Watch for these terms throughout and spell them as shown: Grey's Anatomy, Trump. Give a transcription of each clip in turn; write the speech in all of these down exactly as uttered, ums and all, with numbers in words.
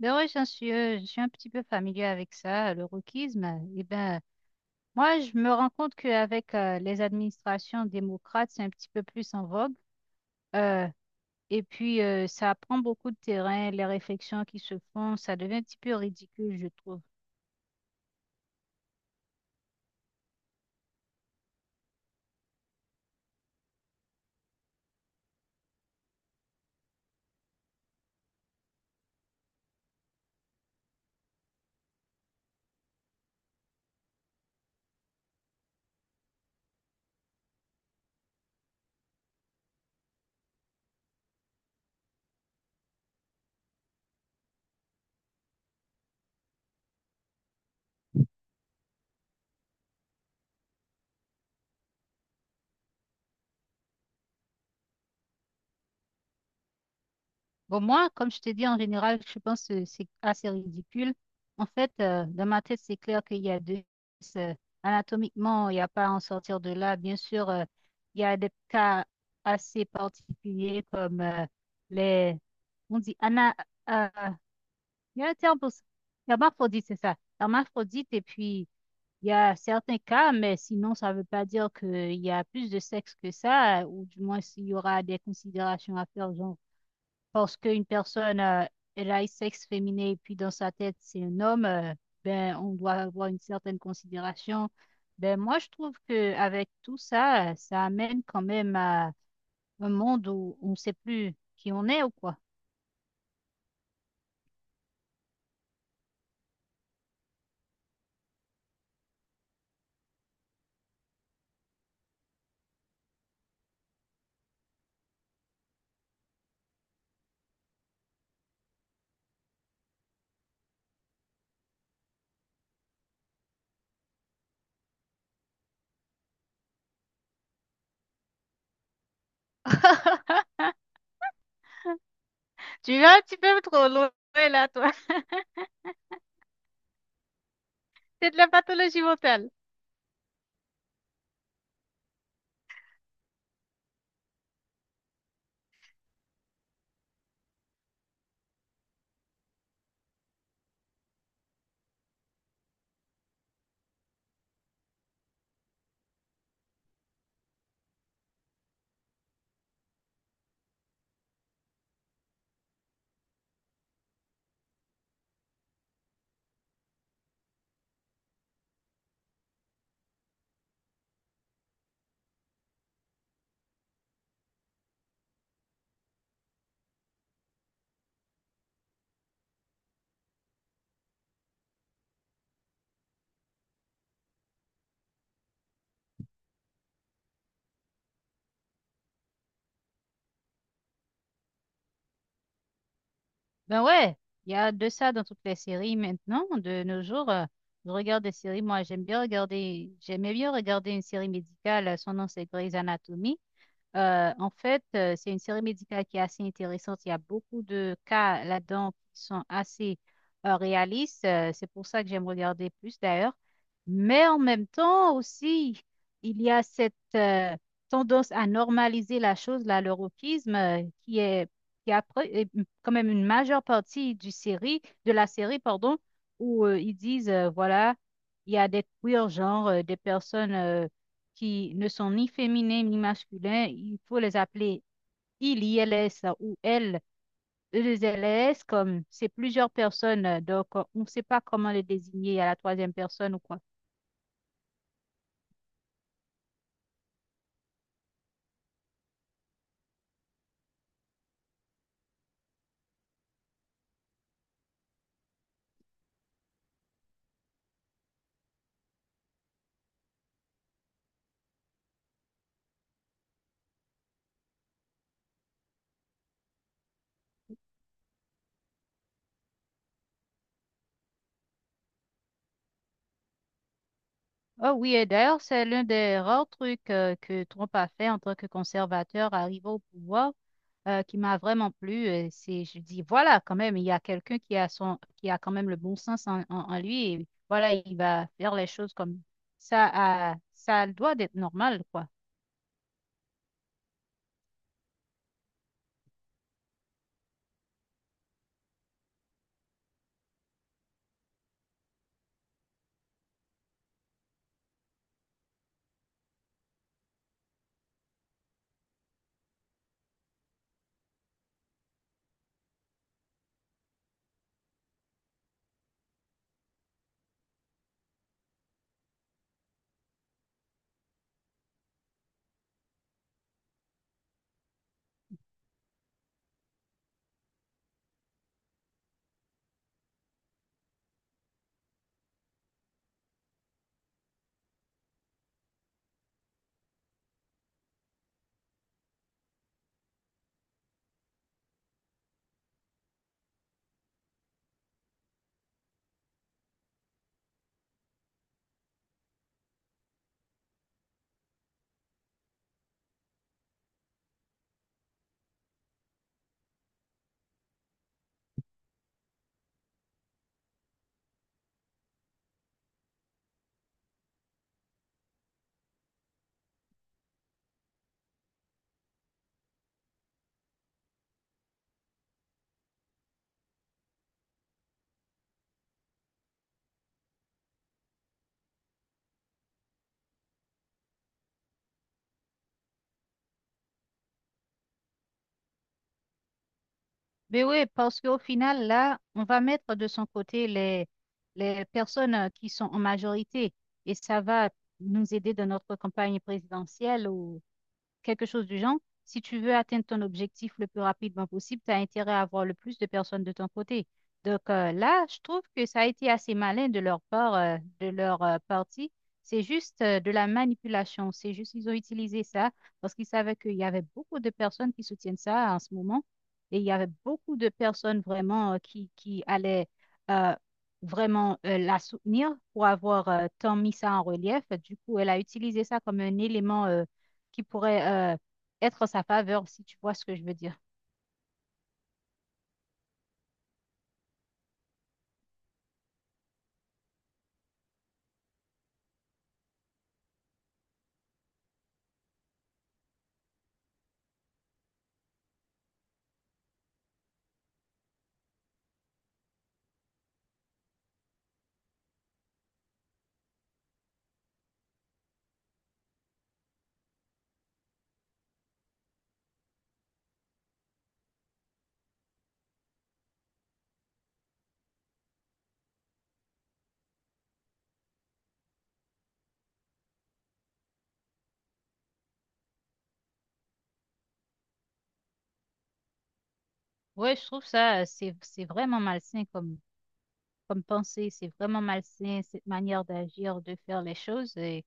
Ben ouais, j'en suis, euh, je suis un petit peu familier avec ça, le wokisme. Eh ben, moi, je me rends compte qu'avec euh, les administrations démocrates, c'est un petit peu plus en vogue. Euh, et puis, euh, ça prend beaucoup de terrain, les réflexions qui se font, ça devient un petit peu ridicule, je trouve. Bon, moi, comme je t'ai dit, en général, je pense que c'est assez ridicule. En fait, euh, dans ma tête, c'est clair qu'il y a deux. euh, Anatomiquement, il n'y a pas à en sortir de là. Bien sûr, euh, il y a des cas assez particuliers comme euh, les... On dit ana... euh, il y a un terme pour ça. Hermaphrodite, c'est ça. Hermaphrodite, et puis il y a certains cas, mais sinon, ça ne veut pas dire qu'il y a plus de sexe que ça, ou du moins, s'il y aura des considérations à faire, genre parce qu'une personne euh, elle a un sexe féminin et puis dans sa tête c'est un homme, euh, ben on doit avoir une certaine considération. Ben moi je trouve que avec tout ça, euh, ça amène quand même à un monde où on ne sait plus qui on est ou quoi. Tu vas un petit peu trop loin là, toi. C'est de la pathologie mentale. Ben ouais, il y a de ça dans toutes les séries maintenant, de nos jours. Euh, je regarde des séries, moi j'aime bien regarder, j'aimais bien regarder une série médicale, euh, son nom c'est Grey's Anatomy. Euh, en fait, euh, c'est une série médicale qui est assez intéressante. Il y a beaucoup de cas là-dedans qui sont assez euh, réalistes. Euh, c'est pour ça que j'aime regarder plus d'ailleurs. Mais en même temps aussi, il y a cette euh, tendance à normaliser la chose, là, le wokisme, euh, qui est, qui après, est quand même une majeure partie du série, de la série, pardon, où euh, ils disent, euh, voilà, il y a des queers, genre euh, des personnes euh, qui ne sont ni féminins ni masculins, il faut les appeler i l s ou L. LS, comme c'est plusieurs personnes, euh, donc euh, on ne sait pas comment les désigner à la troisième personne ou quoi. Oh oui, et d'ailleurs, c'est l'un des rares trucs euh, que Trump a fait en tant que conservateur arrivé au pouvoir euh, qui m'a vraiment plu. euh, C'est, je dis, voilà, quand même, il y a quelqu'un qui a son, qui a quand même le bon sens en, en- en lui et voilà, il va faire les choses comme ça. Ah, ça doit être normal, quoi. Mais oui, parce qu'au final, là, on va mettre de son côté les, les personnes euh, qui sont en majorité et ça va nous aider dans notre campagne présidentielle où quelque chose du genre. Si tu veux atteindre ton objectif le plus rapidement possible, tu as intérêt à avoir le plus de personnes de ton côté. Donc euh, là, je trouve que ça a été assez malin de leur part, euh, de leur euh, partie. C'est juste euh, de la manipulation. C'est juste qu'ils ont utilisé ça parce qu'ils savaient qu'il y avait beaucoup de personnes qui soutiennent ça en ce moment. Et il y avait beaucoup de personnes vraiment euh, qui, qui allaient euh, vraiment euh, la soutenir pour avoir euh, tant mis ça en relief. Du coup, elle a utilisé ça comme un élément. euh, qui pourrait euh, être en sa faveur, si tu vois ce que je veux dire. Ouais, je trouve ça, euh, c'est, c'est vraiment malsain comme, comme pensée, c'est vraiment malsain cette manière d'agir, de faire les choses. Et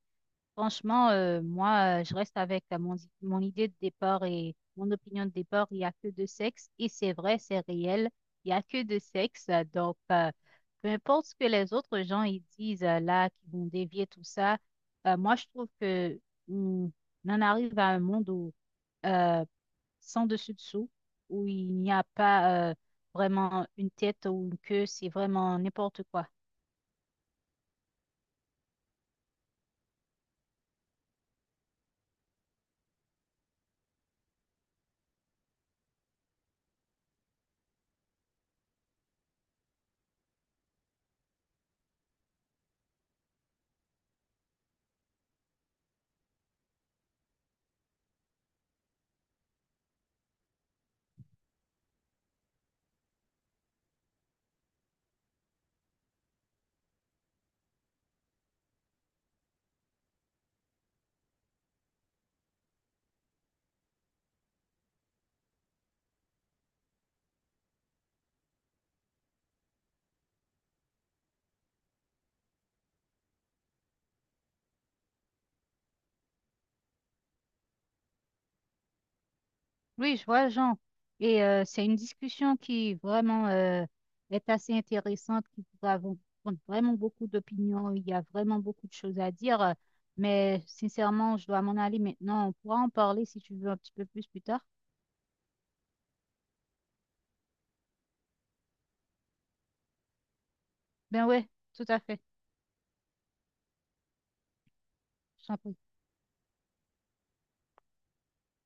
franchement, euh, moi, euh, je reste avec euh, mon, mon idée de départ et mon opinion de départ, il n'y a que deux sexes, et c'est vrai, c'est réel, il n'y a que deux sexes. euh, Donc, euh, peu importe ce que les autres gens ils disent euh, là, qui vont dévier tout ça, euh, moi, je trouve que hum, on en arrive à un monde où... euh, sans dessus-dessous, où il n'y a pas euh, vraiment une tête ou une queue, c'est vraiment n'importe quoi. Oui, je vois, Jean. Et euh, c'est une discussion qui vraiment euh, est assez intéressante, qui pourra vous prendre vraiment beaucoup d'opinions. Il y a vraiment beaucoup de choses à dire, euh, mais sincèrement, je dois m'en aller maintenant. On pourra en parler si tu veux un petit peu plus plus tard. Ben ouais, tout à fait. Je t'en prie.